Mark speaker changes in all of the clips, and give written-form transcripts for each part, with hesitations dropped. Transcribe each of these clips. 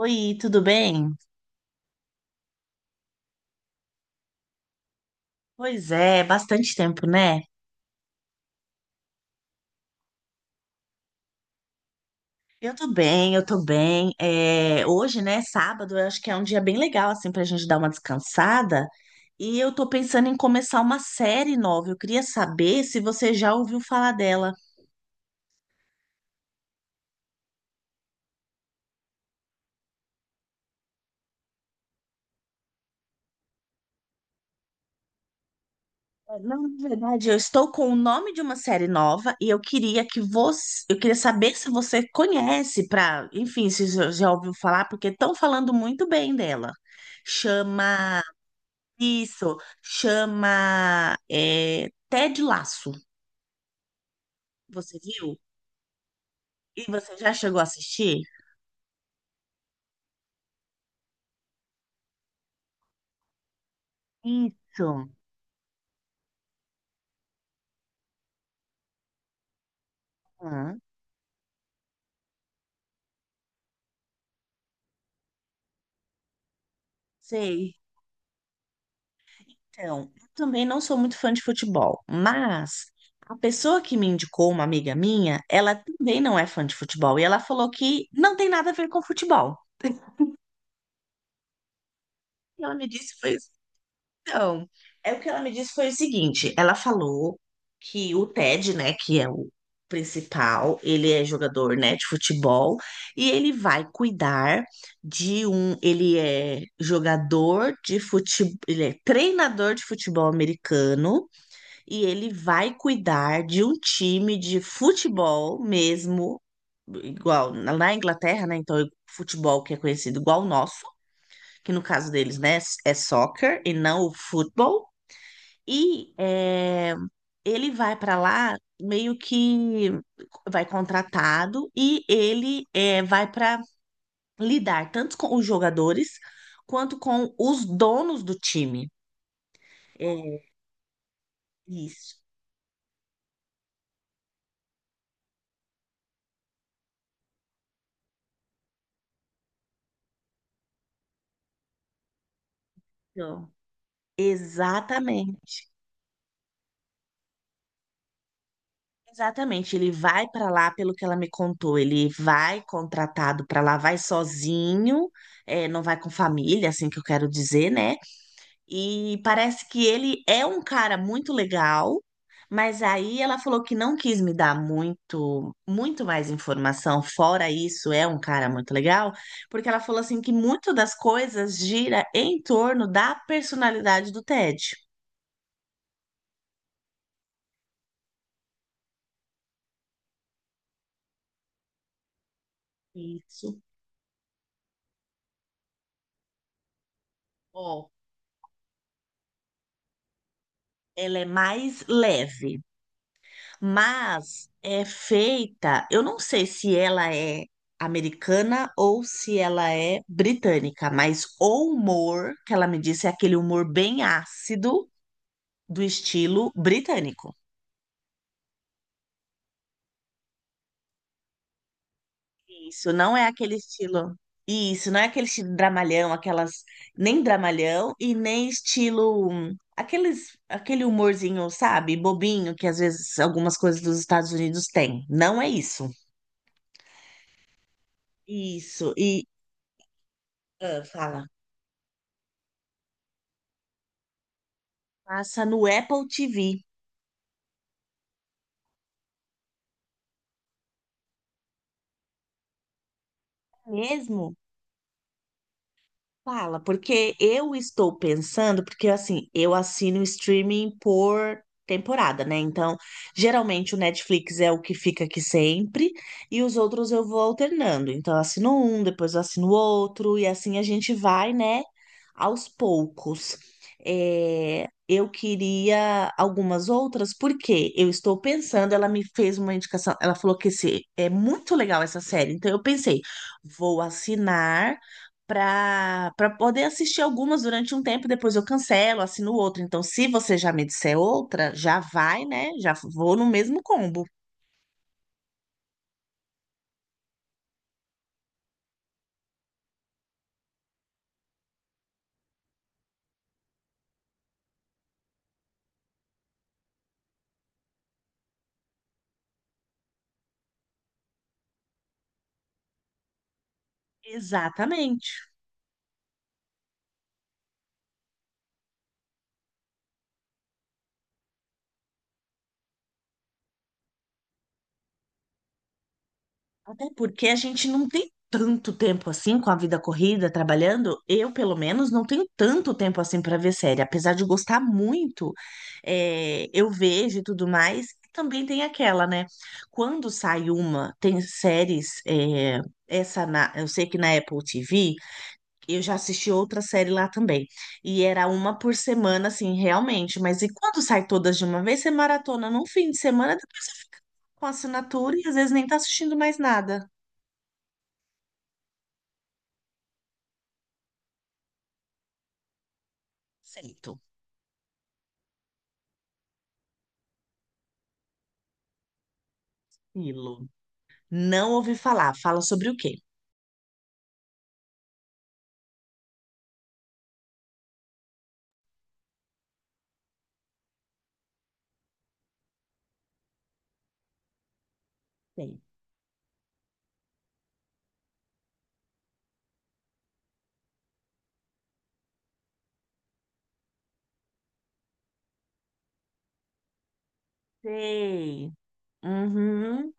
Speaker 1: Oi, tudo bem? Pois é, bastante tempo, né? Eu tô bem. Hoje, né, sábado, eu acho que é um dia bem legal, assim, pra gente dar uma descansada. E eu tô pensando em começar uma série nova. Eu queria saber se você já ouviu falar dela. Não. Na verdade, eu estou com o nome de uma série nova e eu queria saber se você conhece, para enfim, se já ouviu falar, porque estão falando muito bem dela. Chama… Isso, chama Ted Laço. Você viu? E você já chegou a assistir? Isso. Hum, sei. Então, eu também não sou muito fã de futebol, mas a pessoa que me indicou, uma amiga minha, ela também não é fã de futebol e ela falou que não tem nada a ver com futebol. E Ela me disse, foi Então, é o que ela me disse foi o seguinte: ela falou que o Ted, né, que é o principal, ele é jogador, né, de futebol e ele vai cuidar de um, ele é jogador de futebol, ele é treinador de futebol americano e ele vai cuidar de um time de futebol mesmo, igual na Inglaterra, né? Então, futebol que é conhecido igual o nosso, que no caso deles, né, é soccer e não o futebol. e é, Ele vai para lá meio que vai contratado, e vai para lidar tanto com os jogadores quanto com os donos do time. É isso. Exatamente. Exatamente. Ele vai para lá, pelo que ela me contou, ele vai contratado para lá, vai sozinho, não vai com família, assim que eu quero dizer, né? E parece que ele é um cara muito legal, mas aí ela falou que não quis me dar muito mais informação. Fora isso, é um cara muito legal, porque ela falou assim que muito das coisas gira em torno da personalidade do Ted. Isso. Ó, ela é mais leve. Mas é feita, eu não sei se ela é americana ou se ela é britânica, mas o humor que ela me disse é aquele humor bem ácido, do estilo britânico. Isso não é aquele estilo. Isso não é aquele estilo dramalhão, aquelas nem dramalhão e nem estilo aqueles aquele humorzinho, sabe, bobinho que às vezes algumas coisas dos Estados Unidos têm. Não é isso. Isso. E ah, fala. Passa no Apple TV mesmo? Fala, porque eu estou pensando, porque assim, eu assino streaming por temporada, né? Então, geralmente o Netflix é o que fica aqui sempre, e os outros eu vou alternando. Então, eu assino um, depois eu assino outro e assim a gente vai, né, aos poucos. Eu queria algumas outras, porque eu estou pensando, ela me fez uma indicação, ela falou que é muito legal essa série, então eu pensei, vou assinar para poder assistir algumas durante um tempo, depois eu cancelo, assino outra. Então, se você já me disser outra, já vai, né? Já vou no mesmo combo. Exatamente. Até porque a gente não tem tanto tempo assim com a vida corrida, trabalhando. Eu, pelo menos, não tenho tanto tempo assim para ver série. Apesar de gostar muito, eu vejo e tudo mais. Também tem aquela, né? Quando sai uma, tem séries, eu sei que na Apple TV eu já assisti outra série lá também. E era uma por semana, assim, realmente. Mas e quando sai todas de uma vez, você maratona num fim de semana, depois com assinatura e às vezes nem tá assistindo mais nada. Certo. Filo. Não ouvi falar. Fala sobre o quê? Sei. Sei. Uhum.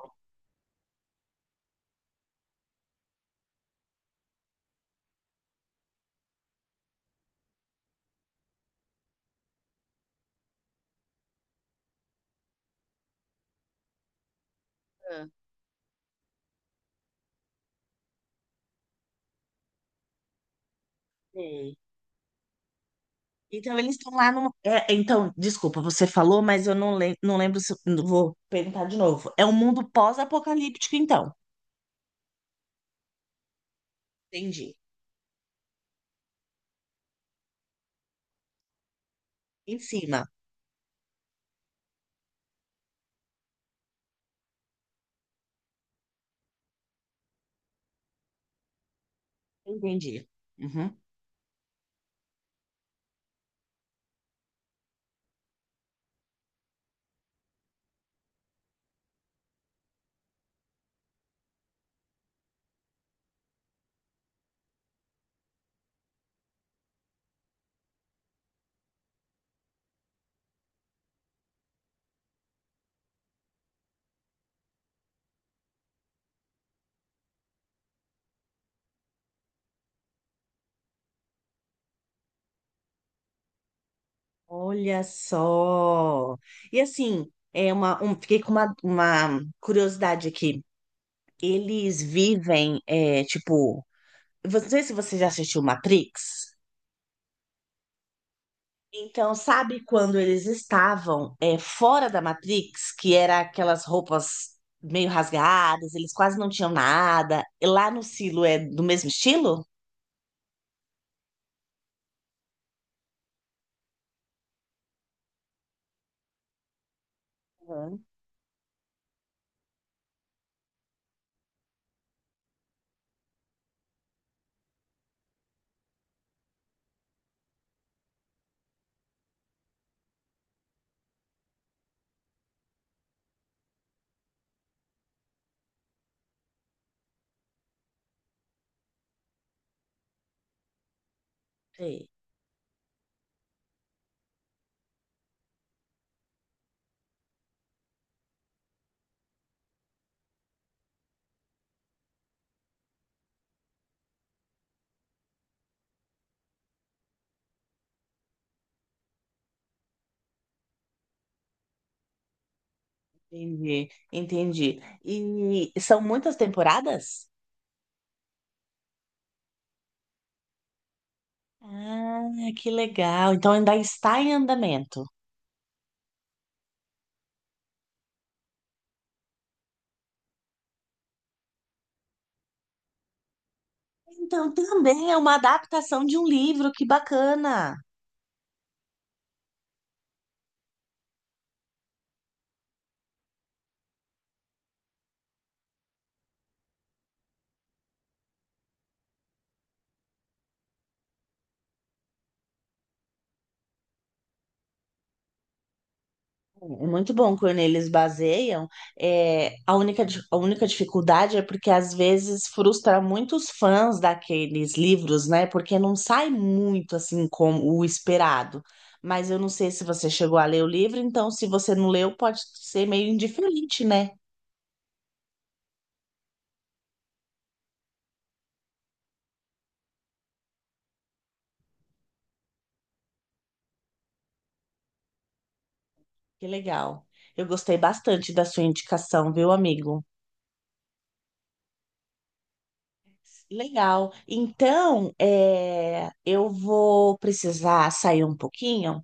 Speaker 1: Sei. Então eles estão lá no… desculpa, você falou, mas eu não lembro se. Vou perguntar de novo. É um mundo pós-apocalíptico, então. Entendi. Em cima. Entendi. Uhum. Olha só. E assim, fiquei com uma curiosidade aqui. Eles vivem, é, tipo, não sei se você já assistiu Matrix. Então, sabe quando eles estavam, é, fora da Matrix, que era aquelas roupas meio rasgadas, eles quase não tinham nada. E lá no Silo é do mesmo estilo? Uhum. Sei. Entendi, entendi. E são muitas temporadas? Ah, que legal. Então ainda está em andamento. Então também é uma adaptação de um livro, que bacana. É muito bom quando eles baseiam. A única dificuldade é porque às vezes frustra muitos fãs daqueles livros, né? Porque não sai muito assim como o esperado. Mas eu não sei se você chegou a ler o livro, então se você não leu, pode ser meio indiferente, né? Que legal. Eu gostei bastante da sua indicação, viu, amigo? Legal. Então, eu vou precisar sair um pouquinho,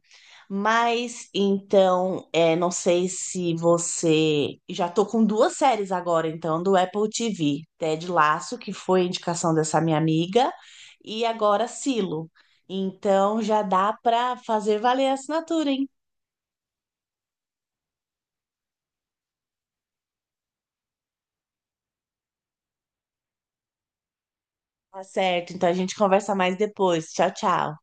Speaker 1: mas então, não sei se você… Já tô com duas séries agora, então, do Apple TV: Ted Lasso, que foi indicação dessa minha amiga, e agora Silo. Então, já dá para fazer valer a assinatura, hein? Tá certo. Então, a gente conversa mais depois. Tchau, tchau.